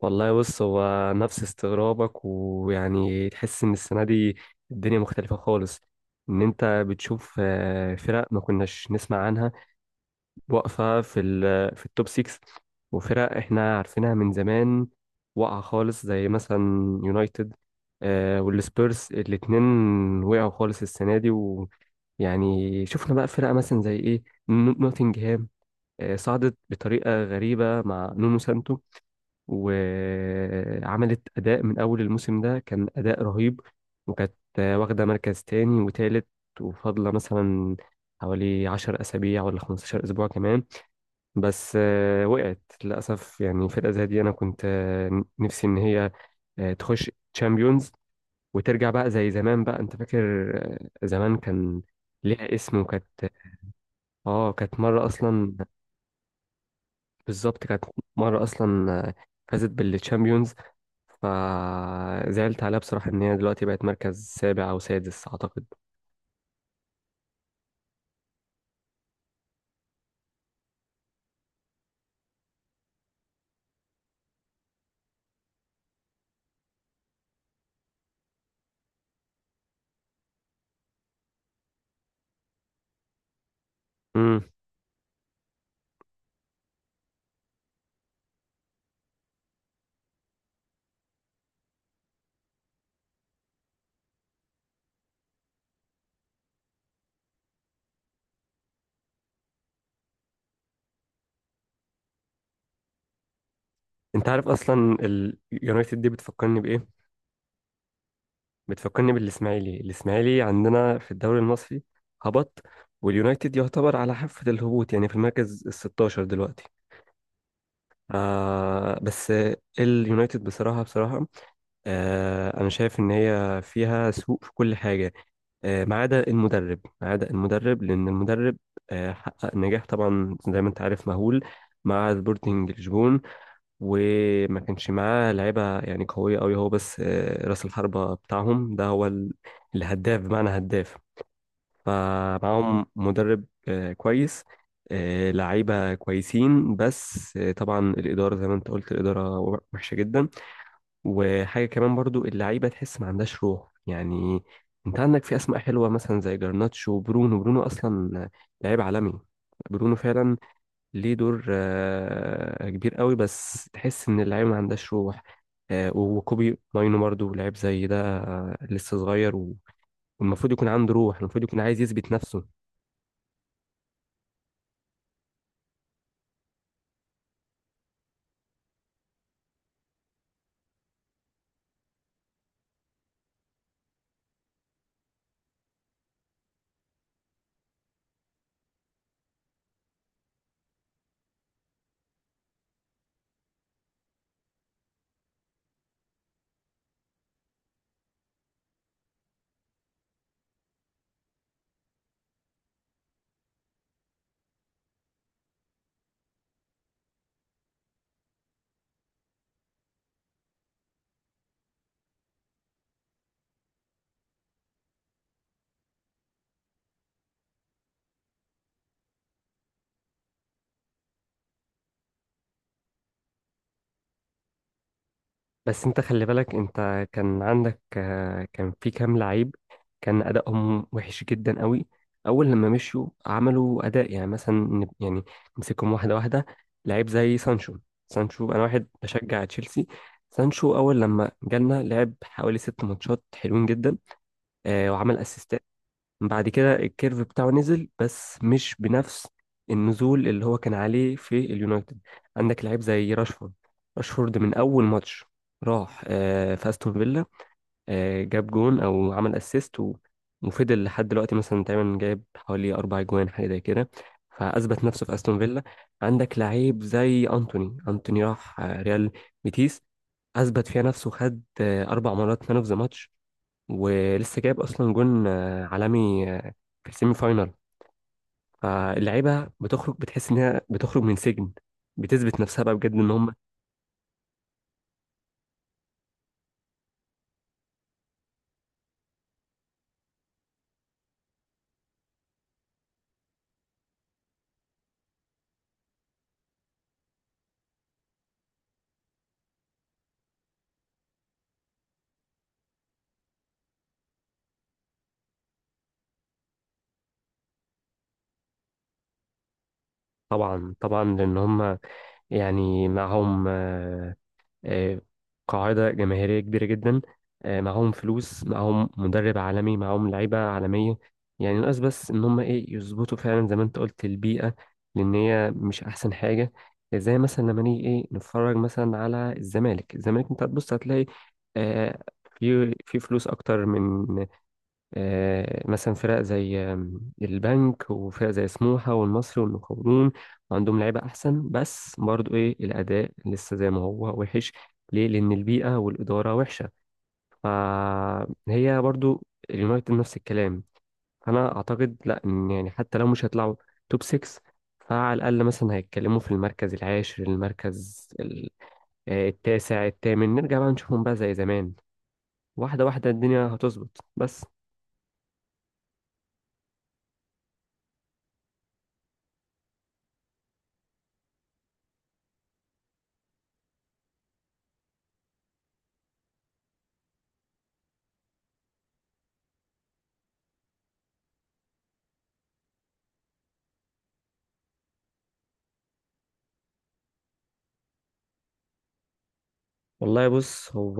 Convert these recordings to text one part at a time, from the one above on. والله بص هو نفس استغرابك ويعني تحس ان السنه دي الدنيا مختلفه خالص. ان انت بتشوف فرق ما كناش نسمع عنها واقفه في التوب 6، وفرق احنا عارفينها من زمان واقعه خالص زي مثلا يونايتد والسبيرز الاتنين وقعوا خالص السنه دي. ويعني شفنا بقى فرق مثلا زي ايه، نوتنجهام صعدت بطريقه غريبه مع نونو سانتو، وعملت أداء من أول الموسم، ده كان أداء رهيب، وكانت واخدة مركز تاني وتالت، وفاضلة مثلا حوالي 10 أسابيع ولا 15 أسبوع كمان. بس وقعت للأسف. يعني فرقة زي دي أنا كنت نفسي إن هي تخش تشامبيونز وترجع بقى زي زمان. بقى أنت فاكر زمان كان ليها اسم وكانت، اه، كانت مرة أصلا. بالظبط كانت مرة أصلا فازت بالتشامبيونز. فزعلت عليها بصراحة إن هي دلوقتي بقت مركز سابع أو سادس أعتقد. امم أنت عارف أصلا اليونايتد دي بتفكرني بإيه؟ بتفكرني بالإسماعيلي. الإسماعيلي عندنا في الدوري المصري هبط، واليونايتد يعتبر على حافة الهبوط يعني في المركز ال 16 دلوقتي. آه بس اليونايتد بصراحة بصراحة، أنا شايف إن هي فيها سوء في كل حاجة ما عدا المدرب. ما عدا المدرب لأن المدرب حقق نجاح طبعا زي ما أنت عارف مهول مع سبورتنج لشبون. وما كانش معاه لعيبة يعني قوية أوي هو، بس رأس الحربة بتاعهم ده هو الهداف بمعنى هداف. فمعاهم مدرب كويس، لعيبة كويسين. بس طبعا الإدارة زي ما أنت قلت، الإدارة وحشة جدا. وحاجة كمان برضو اللعيبة تحس ما عندهاش روح. يعني انت عندك في اسماء حلوة مثلا زي جرناتشو وبرونو. برونو اصلا لعيب عالمي، برونو فعلا ليه دور كبير قوي، بس تحس ان اللعيبة ما عندهاش روح. وكوبي ماينو برضو لعيب زي ده لسه صغير والمفروض يكون عنده روح، المفروض يكون عايز يثبت نفسه. بس انت خلي بالك انت كان عندك كان في كام لعيب كان ادائهم وحش جدا قوي اول لما مشوا. عملوا اداء يعني مثلا يعني نمسكهم واحده واحده. لعيب زي سانشو، سانشو انا واحد بشجع تشيلسي، سانشو اول لما جالنا لعب حوالي 6 ماتشات حلوين جدا وعمل اسيستات. بعد كده الكيرف بتاعه نزل بس مش بنفس النزول اللي هو كان عليه في اليونايتد. عندك لعيب زي راشفورد. راشفورد من اول ماتش راح في استون فيلا جاب جون او عمل اسيست وفضل لحد دلوقتي مثلا تقريبا جايب حوالي 4 جوان حاجه زي كده، فاثبت نفسه في استون فيلا. عندك لعيب زي انتوني. انتوني راح ريال بيتيس، اثبت فيها نفسه، خد 4 مرات مان اوف ذا ماتش، ولسه جايب اصلا جون عالمي في السيمي فاينال. فاللعيبه بتخرج بتحس انها بتخرج من سجن، بتثبت نفسها بقى بجد ان هم. طبعا طبعا لان هم يعني معاهم آه، قاعدة جماهيرية كبيرة جدا، معاهم فلوس، معاهم مدرب عالمي، معاهم لعيبة عالمية. يعني ناقص بس إن هم إيه، يظبطوا فعلا زي ما أنت قلت البيئة، لأن هي مش أحسن حاجة. زي مثلا لما نيجي إيه نتفرج مثلا على الزمالك. الزمالك أنت هتبص هتلاقي آه، في فلوس أكتر من مثلا فرق زي البنك وفرق زي سموحة والمصري والمقاولون، عندهم لعيبة أحسن، بس برضو إيه الأداء لسه زي ما هو وحش. ليه؟ لأن البيئة والإدارة وحشة. فهي برضو اليونايتد نفس الكلام. فأنا أعتقد لأ، إن يعني حتى لو مش هيطلعوا توب 6 فعلى الأقل مثلا هيتكلموا في المركز العاشر، المركز التاسع، التامن، نرجع بقى نشوفهم بقى زي زمان، واحدة واحدة الدنيا هتظبط بس. والله بص هو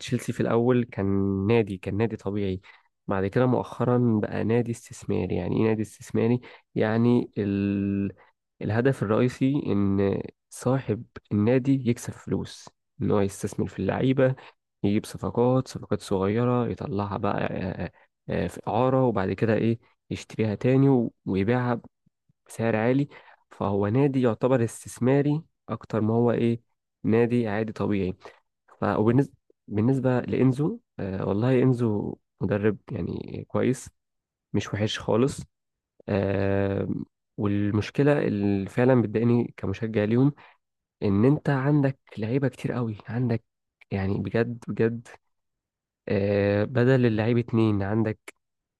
تشيلسي في الأول كان نادي، كان نادي طبيعي. بعد كده مؤخرا بقى نادي استثماري. يعني إيه نادي استثماري؟ يعني الهدف الرئيسي إن صاحب النادي يكسب فلوس، إن هو يستثمر في اللعيبة، يجيب صفقات، صفقات صغيرة يطلعها بقى في إعارة، وبعد كده إيه يشتريها تاني ويبيعها بسعر عالي. فهو نادي يعتبر استثماري اكتر ما هو ايه، نادي عادي طبيعي. فبالنسبه، بالنسبه لانزو، والله انزو مدرب يعني كويس، مش وحش خالص. آه والمشكله اللي فعلا بتضايقني كمشجع ليهم ان انت عندك لعيبه كتير قوي. عندك يعني بجد بجد بدل اللعيب اتنين. عندك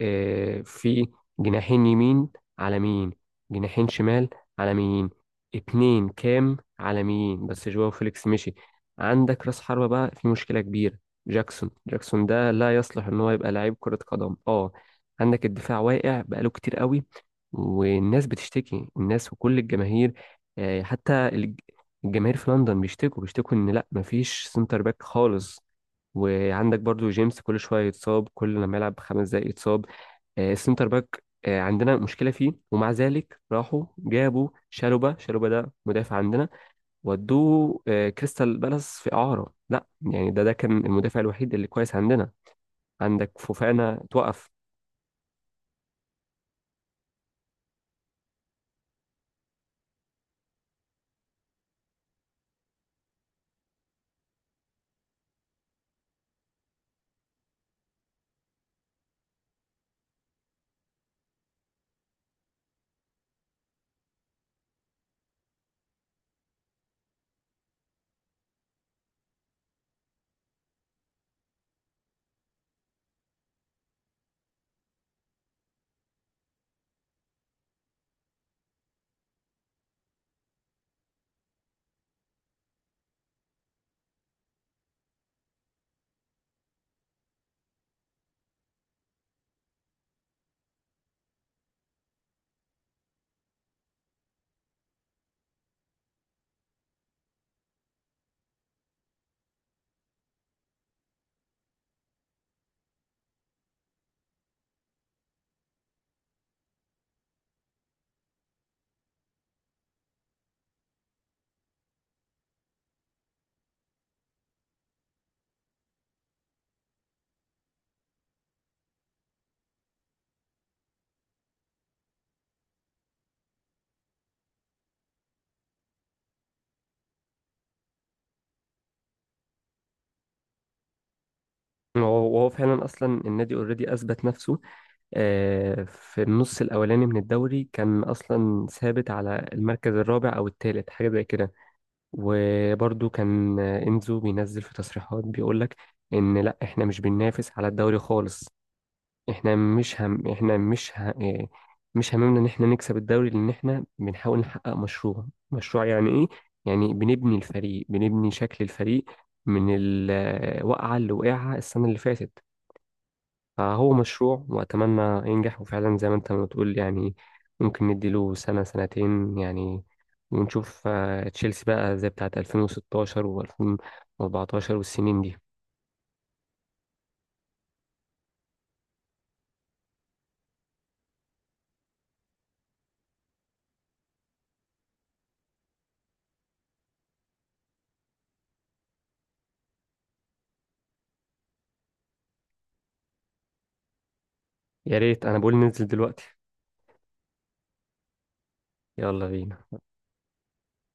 في جناحين يمين على مين، جناحين شمال على مين، اتنين كام على مين، بس جواو فيليكس مشي. عندك راس حربة بقى في مشكلة كبيرة. جاكسون، جاكسون ده لا يصلح ان هو يبقى لعيب كرة قدم، اه. عندك الدفاع واقع بقاله كتير قوي، والناس بتشتكي، الناس وكل الجماهير حتى الجماهير في لندن بيشتكوا، بيشتكوا ان لا مفيش سنتر باك خالص. وعندك برضو جيمس كل شوية يتصاب، كل لما يلعب 5 دقايق يتصاب. السنتر باك عندنا مشكلة فيه، ومع ذلك راحوا جابوا شالوبا. شالوبا ده مدافع عندنا ودوه كريستال بالاس في إعارة، لا يعني ده كان المدافع الوحيد اللي كويس عندنا. عندك فوفانا توقف. وهو، وهو فعلا اصلا النادي اوريدي اثبت نفسه في النص الاولاني من الدوري. كان اصلا ثابت على المركز الرابع او الثالث حاجه زي كده. وبرده كان انزو بينزل في تصريحات بيقول لك ان لا احنا مش بننافس على الدوري خالص، احنا مش هم، احنا مش ه... إيه، مش هممنا ان احنا نكسب الدوري، لان احنا بنحاول نحقق مشروع. مشروع يعني ايه؟ يعني بنبني الفريق، بنبني شكل الفريق من الوقعة اللي وقعها السنة اللي فاتت. فهو مشروع واتمنى ينجح. وفعلا زي ما انت ما بتقول يعني ممكن نديله سنة سنتين يعني، ونشوف تشيلسي بقى زي بتاعت 2016 و2014 والسنين دي. يا ريت، انا بقول ننزل دلوقتي. يلا بينا.